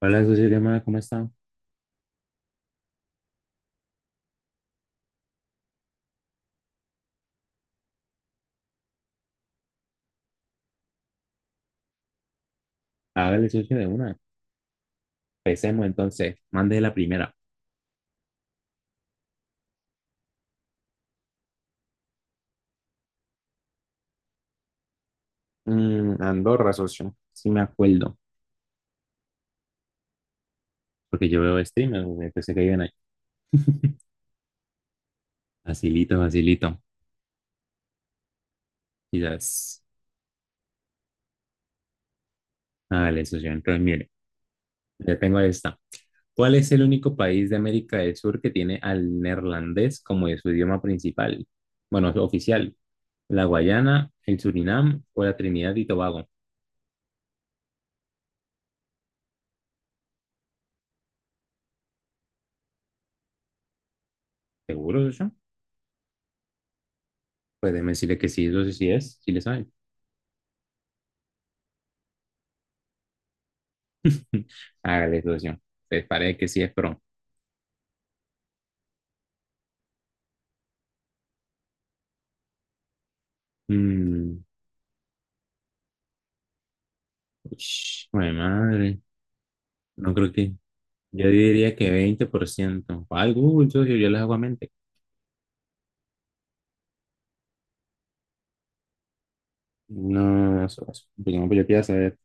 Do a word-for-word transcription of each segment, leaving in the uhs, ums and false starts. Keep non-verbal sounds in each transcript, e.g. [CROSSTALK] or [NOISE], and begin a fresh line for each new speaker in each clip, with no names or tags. Hola, socio Lema, ¿cómo está? Hágale, socio, de una. Empecemos entonces. Mande la primera. Mm, Andorra, socio. Sí me acuerdo. Porque yo veo streamers, socio, pensé que iban ahí. Facilito, facilito. Quizás. Hágale, socio. Entonces, mire, ya tengo esta. ¿Cuál es el único país de América del Sur que tiene al neerlandés como de su idioma principal? Bueno, oficial. ¿La Guayana, el Surinam o la Trinidad y Tobago? ¿Seguro, socio? Pues déjeme decirle que sí, socio, sí es. Sí le sabe. [LAUGHS] Hágale, socio. Pues parece que sí es pro. Mm, ush, jue de madre. No creo que. Yo diría que veinte por ciento. Ay, Google, socio, yo les hago a mente. No, socio. Pues no, pues yo quiero saber.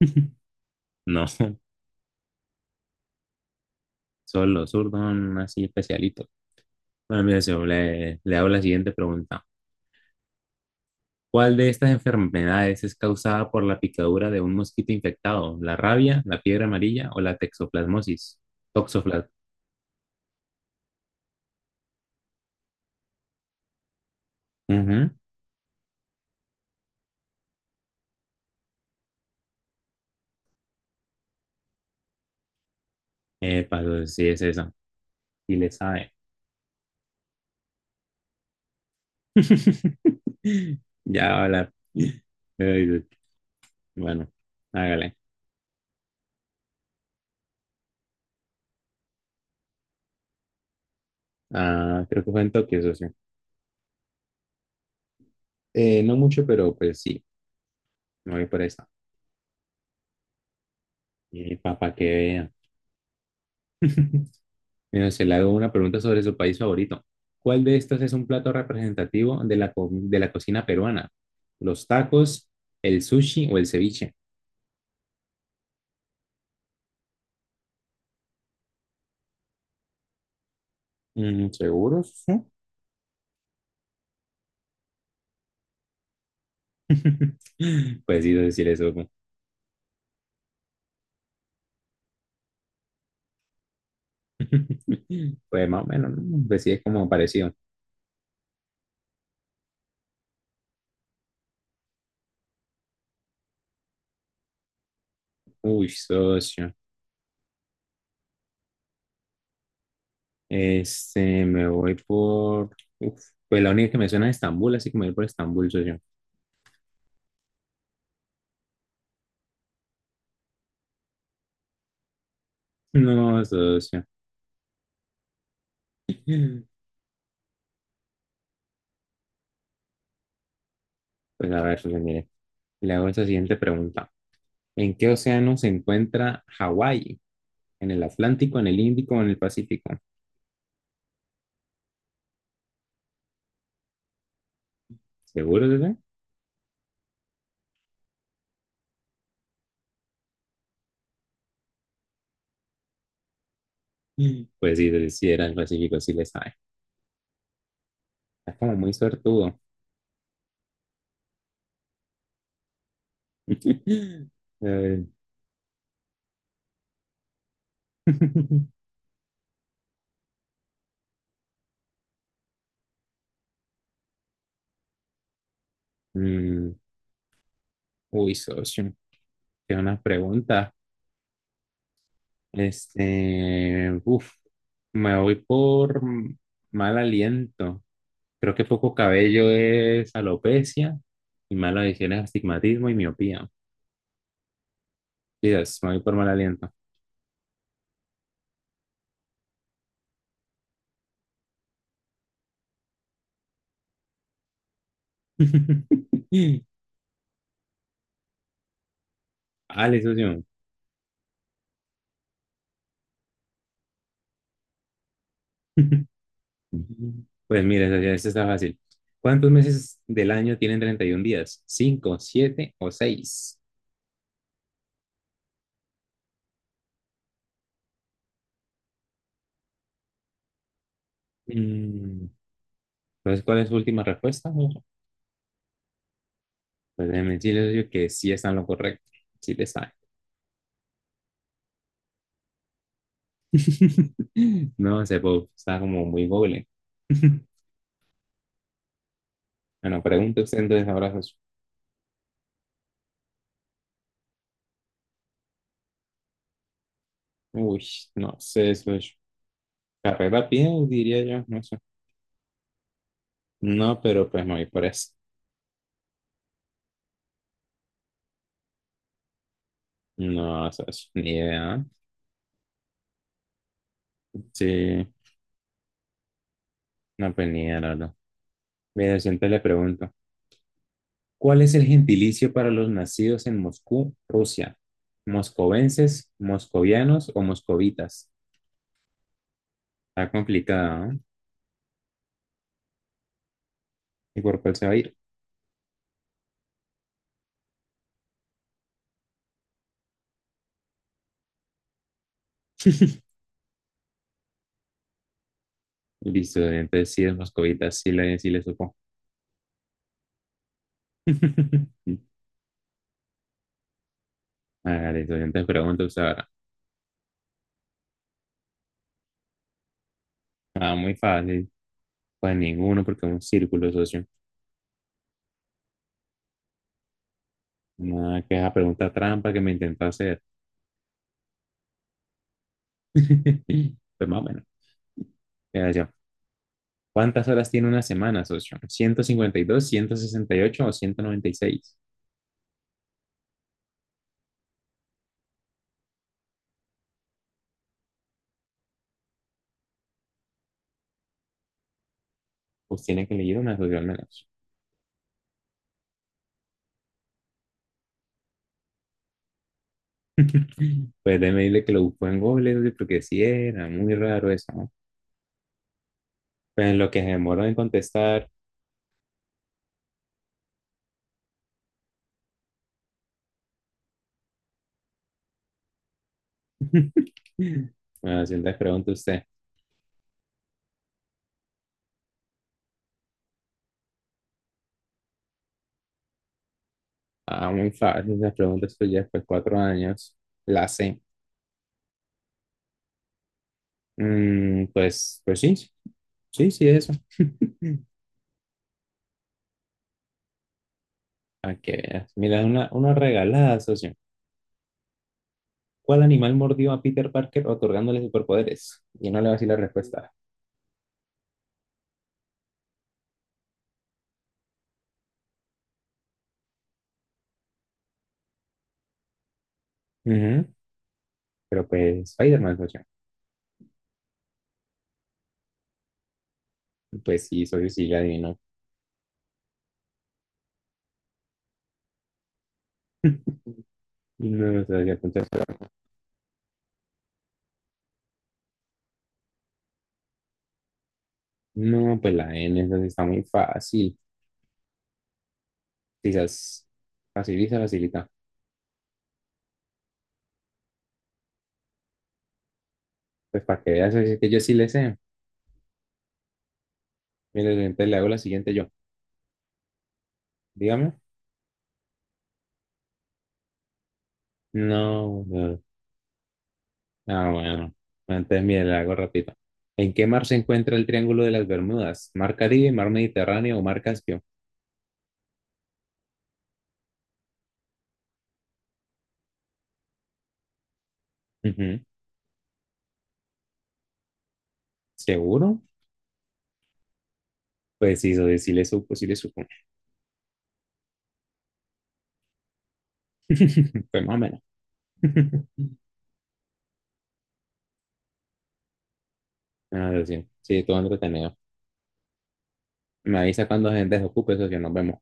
[LAUGHS] No, solo los zurdos así especialitos. Bueno, mire, socio, le, le hago la siguiente pregunta. ¿Cuál de estas enfermedades es causada por la picadura de un mosquito infectado? ¿La rabia, la fiebre amarilla o la texoplasmosis? Toxoplasmosis. Ujú. Epa, socio, sí, es esa. Y le sabe. [LAUGHS] Ya, hola. Ay, bueno, hágale. Ah, creo que fue en Tokio, eso sí. Eh, no mucho, pero pues sí, me voy por esa. Y papá, que vea. [LAUGHS] Bueno, se le hago una pregunta sobre su país favorito. ¿Cuál de estos es un plato representativo de la, co- de la cocina peruana? ¿Los tacos, el sushi o el ceviche? Mm, ¿seguros? ¿No? [LAUGHS] Pues sí, decir eso. [LAUGHS] Pues más o menos, ¿no? Pues sí, es como parecido. Uy, socio. Este, me voy por. Uf, pues la única que me suena es Estambul, así que me voy por Estambul, socio. [LAUGHS] No, socio. Pues a ver, socio, mire. Le hago esa siguiente pregunta. ¿En qué océano se encuentra Hawái? ¿En el Atlántico, en el Índico o en el Pacífico? ¿Seguro, socio? [LAUGHS] Pues sí, socio, sí, era el Pacífico, sí le sabe. Está como muy suertudo. [LAUGHS] A ver. [LAUGHS] Mm, uy, socio. Qué una pregunta. Este, uff, me voy por mm, mal aliento. Creo que poco cabello es alopecia y mala visión es astigmatismo y miopía. Dios, me voy por mal aliento. [LAUGHS] Ale, socio. [LAUGHS] Pues mira, socio, esto está fácil. ¿Cuántos meses del año tienen treinta y un días? ¿Cinco, siete o seis? Mm, Entonces, ¿cuál es su última respuesta, socio? Pues déjeme decirle, socio, que sí está en lo correcto. Sí le sabe. [LAUGHS] No, ese pop está como muy goble. [LAUGHS] Bueno, pregunte usted entonces ahora, Jesús. Uy, no sé, eso es carrera bien, diría yo, no sé. No, pero pues me voy por eso. No, eso es ni idea, ¿ah? Sí, no, pues ni idea, la verdad. Mira, yo entonces le pregunto, ¿cuál es el gentilicio para los nacidos en Moscú, Rusia? ¿Moscovenses, moscovianos o moscovitas? Está complicada, ¿no? ¿Y por cuál se va a ir? Listo, entonces sí es moscovitas, sí le, sí le supo. [LAUGHS] Hágale, socio. Entonces pregunta usted ahora. Ah, muy fácil. Pues ninguno, porque es un círculo, socio. Nada que esa pregunta trampa que me intentó hacer. [LAUGHS] Pues más o menos. Mira, yo. ¿Cuántas horas tiene una semana, socio? Ciento ciento cincuenta y dos, ciento sesenta y ocho o ciento noventa y seis. Pues tiene que leer una, socio, al menos. [LAUGHS] Pues déjeme decirle que lo buscó en Google, socio, porque sí era muy raro eso, ¿no? Pues en lo que se demoró en contestar. [LAUGHS] Bueno, si entonces pregunta usted. Ah, muy fácil, las preguntas que ya después de cuatro años la sé. Mm, pues, pues sí, sí, sí, eso. [LAUGHS] A que veas. Mira, una, una regalada, socio. ¿Cuál animal mordió a Peter Parker otorgándole superpoderes? Y no le va a decir la respuesta. Ujú. Pero pues, Spider-Man, socio. Pues sí, socio, sí, la adivino. [LAUGHS] No, socio, entonces, no, pues la N, entonces está muy fácil. Quizás facilita, facilita. Pues para que veas, socio, que yo sí le sé. Mira, entonces le hago la siguiente yo. Dígame. No, no. Ah, bueno. Antes, mire, la hago rápido. ¿En qué mar se encuentra el Triángulo de las Bermudas? ¿Mar Caribe, Mar Mediterráneo o Mar Caspio? Ujú. ¿Seguro? Pues sí, soy- sí le supo, sí le supo. [LAUGHS] Pues más o menos. [LAUGHS] Ah, lo siento. Sí, todo entretenido. Me avisa cuando gente se ocupe, eso que nos vemos.